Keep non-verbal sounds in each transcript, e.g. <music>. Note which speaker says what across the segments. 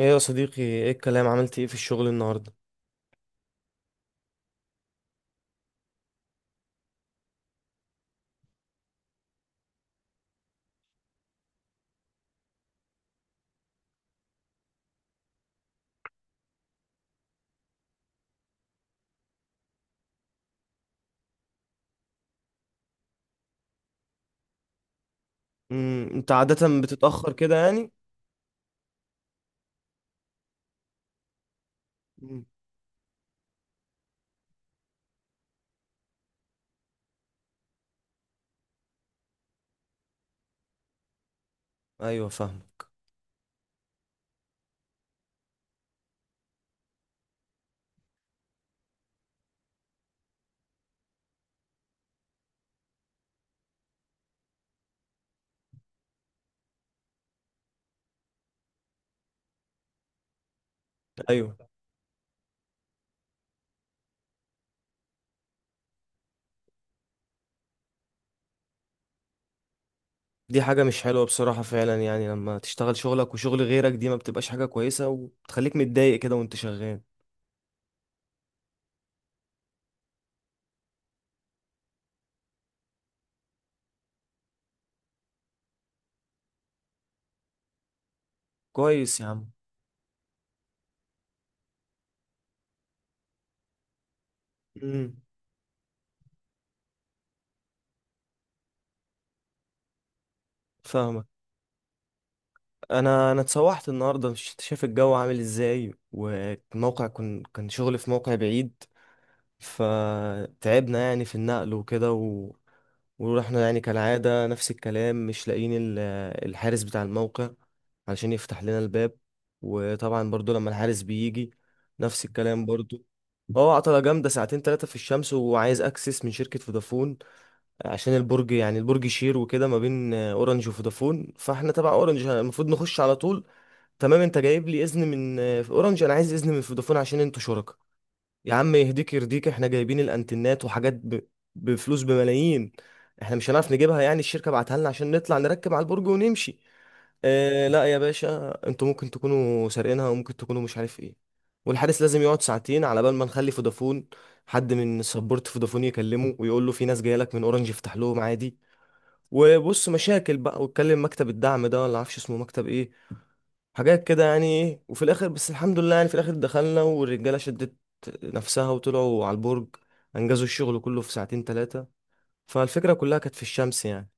Speaker 1: ايه يا صديقي، ايه الكلام؟ عملت ايه في الشغل النهارده؟ انت عادة بتتأخر كده يعني؟ مم. ايوه، فاهمك. ايوه، دي حاجة مش حلوة بصراحة فعلا، يعني لما تشتغل شغلك وشغل غيرك دي ما بتبقاش حاجة كويسة وبتخليك متضايق كده وانت شغال. كويس يا عم. امم. فاهمك. انا اتسوحت النهارده، مش انت شايف الجو عامل ازاي؟ والموقع كان شغل في موقع بعيد. فتعبنا يعني في النقل وكده. ورحنا يعني كالعادة نفس الكلام، مش لاقيين الحارس بتاع الموقع علشان يفتح لنا الباب. وطبعا برضو لما الحارس بيجي، نفس الكلام برضو. هو عطلة جامدة ساعتين تلاتة في الشمس، وعايز اكسس من شركة فودافون. عشان البرج، يعني البرج شير وكده ما بين اورنج وفودافون، فاحنا تبع اورنج المفروض نخش على طول. تمام، انت جايب لي اذن من اورنج، انا عايز اذن من فودافون عشان انتوا شركاء. يا عم يهديك يرضيك، احنا جايبين الانتنات وحاجات بفلوس بملايين. احنا مش هنعرف نجيبها؟ يعني الشركة بعتها لنا عشان نطلع نركب على البرج ونمشي. اه لا يا باشا، انتوا ممكن تكونوا سارقينها وممكن تكونوا مش عارف ايه. والحارس لازم يقعد ساعتين على بال ما نخلي فودافون، حد من سبورت فودافون يكلمه ويقول له في ناس جايه لك من اورنج افتح لهم عادي. وبص مشاكل بقى، واتكلم مكتب الدعم ده ولا عارفش اسمه مكتب ايه، حاجات كده يعني ايه. وفي الاخر، بس الحمد لله يعني، في الاخر دخلنا والرجاله شدت نفسها وطلعوا على البرج، انجزوا الشغل كله في ساعتين ثلاثه. فالفكره كلها كانت في الشمس يعني.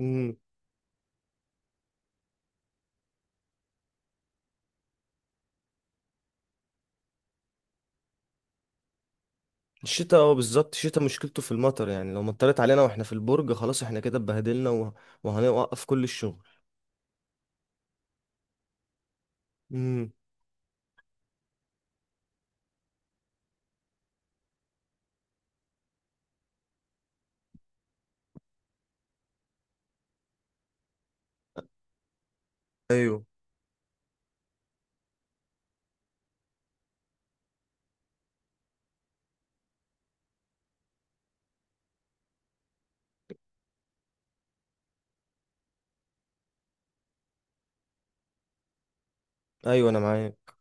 Speaker 1: امم. الشتاء، اه، بالظبط، الشتاء مشكلته في المطر، يعني لو مطرت علينا واحنا في البرج خلاص احنا كده اتبهدلنا وهنوقف كل الشغل. امم. ايوه. ايوه انا معاك.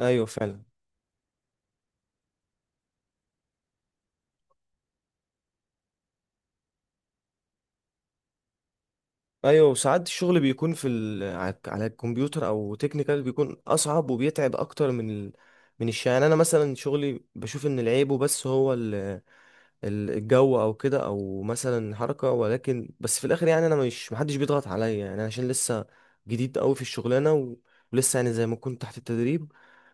Speaker 1: ايوه فعلا. ايوه، وساعات الشغل بيكون في على الكمبيوتر او تكنيكال بيكون اصعب وبيتعب اكتر من من الشغل يعني. انا مثلا شغلي، بشوف ان العيبه بس هو الجو او كده، او مثلا حركه. ولكن بس في الاخر يعني انا مش محدش بيضغط عليا يعني، أنا عشان لسه جديد قوي في الشغلانه، ولسه يعني زي ما كنت تحت التدريب،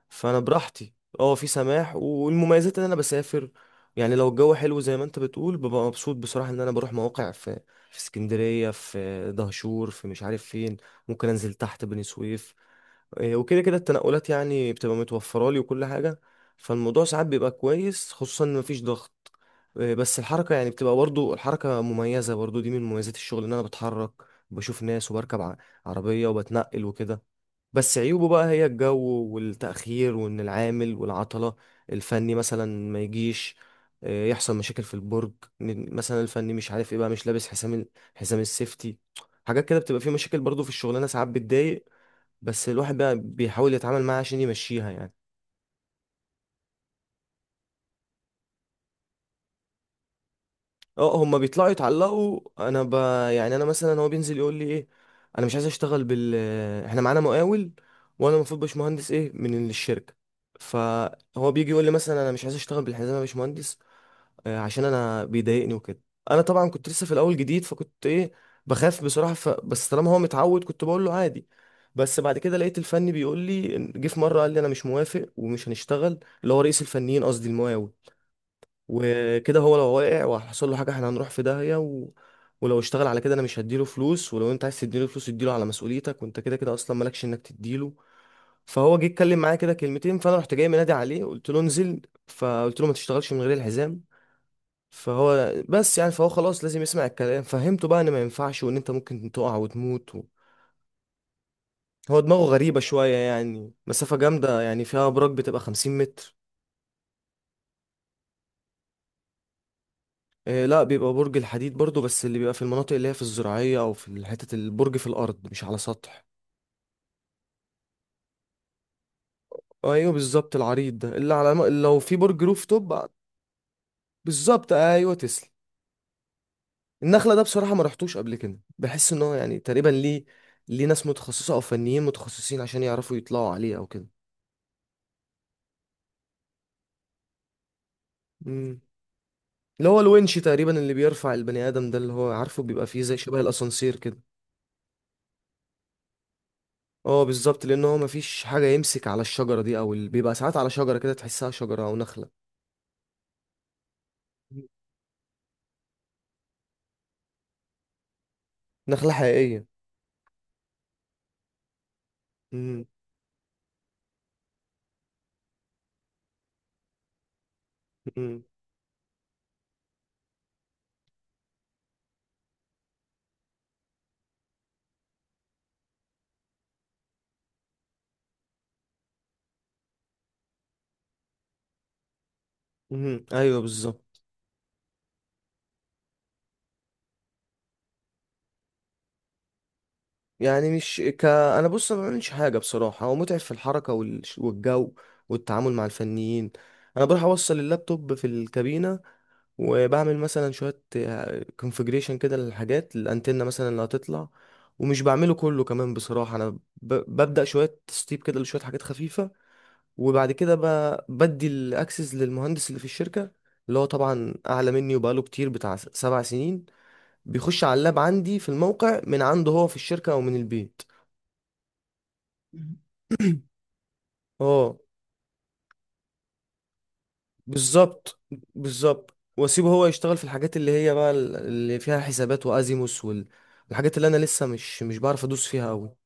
Speaker 1: فانا براحتي. اه في سماح، والمميزات ان انا بسافر. يعني لو الجو حلو زي ما انت بتقول، ببقى مبسوط بصراحه ان انا بروح مواقع في اسكندريه، في دهشور، في مش عارف فين. ممكن انزل تحت بني سويف. وكده كده التنقلات يعني بتبقى متوفره لي وكل حاجه. فالموضوع ساعات بيبقى كويس، خصوصا ان مفيش ضغط. بس الحركه يعني بتبقى برضو، الحركه مميزه برضو، دي من مميزات الشغل ان انا بتحرك، بشوف ناس، وبركب عربيه وبتنقل وكده. بس عيوبه بقى هي الجو والتأخير، وإن العامل والعطلة الفني مثلا ما يجيش، يحصل مشاكل في البرج، إن مثلا الفني مش عارف ايه بقى، مش لابس حزام حزام السيفتي. حاجات كده بتبقى فيه مشاكل برضه في الشغلانة، ساعات بتضايق. بس الواحد بقى بيحاول يتعامل معاها عشان يمشيها يعني. اه هما بيطلعوا يتعلقوا، انا، يعني انا مثلا هو بينزل يقول لي ايه، انا مش عايز اشتغل بال، احنا معانا مقاول وانا المفروض باشمهندس ايه من الشركه. فهو بيجي يقول لي مثلا، انا مش عايز اشتغل بالحزام يا باشمهندس. عشان انا بيضايقني وكده. انا طبعا كنت لسه في الاول جديد فكنت ايه، بخاف بصراحه، بس طالما هو متعود كنت بقول له عادي. بس بعد كده لقيت الفني بيقول لي، جه في مره قال لي انا مش موافق ومش هنشتغل، اللي هو رئيس الفنيين قصدي المقاول. وكده، هو لو واقع وحصل له حاجه احنا هنروح في داهيه، ولو اشتغل على كده انا مش هديله فلوس، ولو انت عايز تديله فلوس اديله على مسؤوليتك، وانت كده كده اصلا مالكش انك تديله. فهو جه اتكلم معايا كده كلمتين، فانا رحت جاي منادي عليه قلت له انزل، فقلت له ما تشتغلش من غير الحزام. فهو بس يعني، فهو خلاص لازم يسمع الكلام، فهمته بقى ان ما ينفعش، وان انت ممكن تقع وتموت. هو دماغه غريبة شوية يعني، مسافة جامدة يعني فيها أبراج بتبقى 50 متر. لا، بيبقى برج الحديد برضو، بس اللي بيبقى في المناطق اللي هي في الزراعية أو في حتة البرج في الأرض مش على سطح. أيوه بالظبط، العريض ده اللي على لو في برج روف توب. بالظبط، أيوه، تسلم. النخلة ده بصراحة ما رحتوش قبل كده، بحس إن هو يعني تقريبا ليه ناس متخصصة أو فنيين متخصصين عشان يعرفوا يطلعوا عليه أو كده. مم. اللي هو الونش تقريبا اللي بيرفع البني آدم ده، اللي هو عارفه بيبقى فيه زي شبه الأسانسير كده. اه بالظبط، لأن هو مفيش حاجة يمسك على الشجرة دي أو بيبقى ساعات على شجرة كده، تحسها شجرة أو نخلة. نخلة حقيقية. مم. مم. مم. ايوه بالظبط. يعني مش ك، انا بص، أنا ما بعملش حاجة بصراحة، هو متعب في الحركة والجو والتعامل مع الفنيين. انا بروح اوصل اللابتوب في الكابينة، وبعمل مثلا شوية كونفجريشن كده للحاجات الانتنة مثلا اللي هتطلع. ومش بعمله كله كمان بصراحة، انا، ببدأ شوية تسطيب كده لشوية حاجات خفيفة. وبعد كده، بدي الاكسس للمهندس اللي في الشركة، اللي هو طبعا اعلى مني وبقاله كتير بتاع 7 سنين. بيخش على اللاب عندي في الموقع من عنده هو في الشركة او من البيت. مم. <clears throat> اه، بالظبط. بالظبط، واسيبه هو يشتغل في الحاجات اللي هي بقى اللي فيها حسابات وازيموس والحاجات اللي انا لسه مش بعرف ادوس فيها قوي.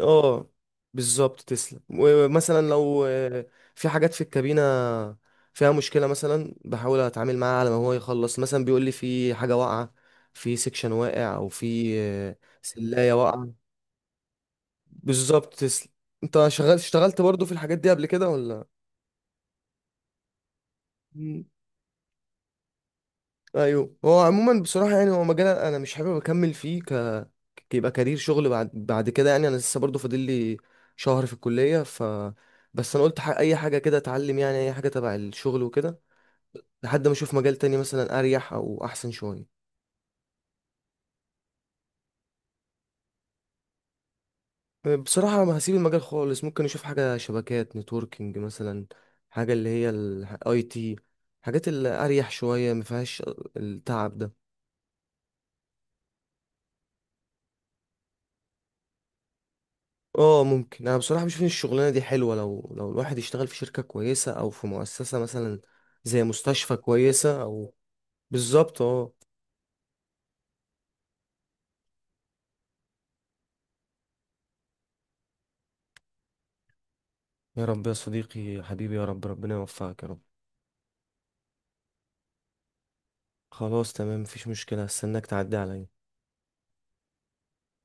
Speaker 1: اه بالظبط تسلم، ومثلا لو في حاجات في الكابينة فيها مشكلة مثلا، بحاول اتعامل معاها على ما هو يخلص. مثلا بيقول لي في حاجة واقعة، في سكشن واقع، او في سلاية واقعة. بالظبط تسلم. انت شغال، اشتغلت برضو في الحاجات دي قبل كده ولا؟ مم. ايوه. هو عموما بصراحه يعني، هو مجال انا مش حابب اكمل فيه، يبقى كارير شغل بعد كده يعني. انا لسه برضو فاضل لي شهر في الكليه، بس انا قلت، اي حاجه كده اتعلم يعني، اي حاجه تبع الشغل وكده، لحد ما اشوف مجال تاني مثلا اريح او احسن شويه. بصراحه ما هسيب المجال خالص، ممكن اشوف حاجه شبكات نتوركينج مثلا، حاجه اللي هي الـIT، حاجات اللي اريح شويه ما فيهاش التعب ده. اه ممكن، انا بصراحه بشوف ان الشغلانه دي حلوه لو الواحد يشتغل في شركه كويسه او في مؤسسه مثلا، زي مستشفى كويسه او. بالظبط، اه. يا رب يا صديقي، يا حبيبي يا رب، ربنا يوفقك يا رب. خلاص تمام، مفيش مشكله، هستناك تعدي عليا.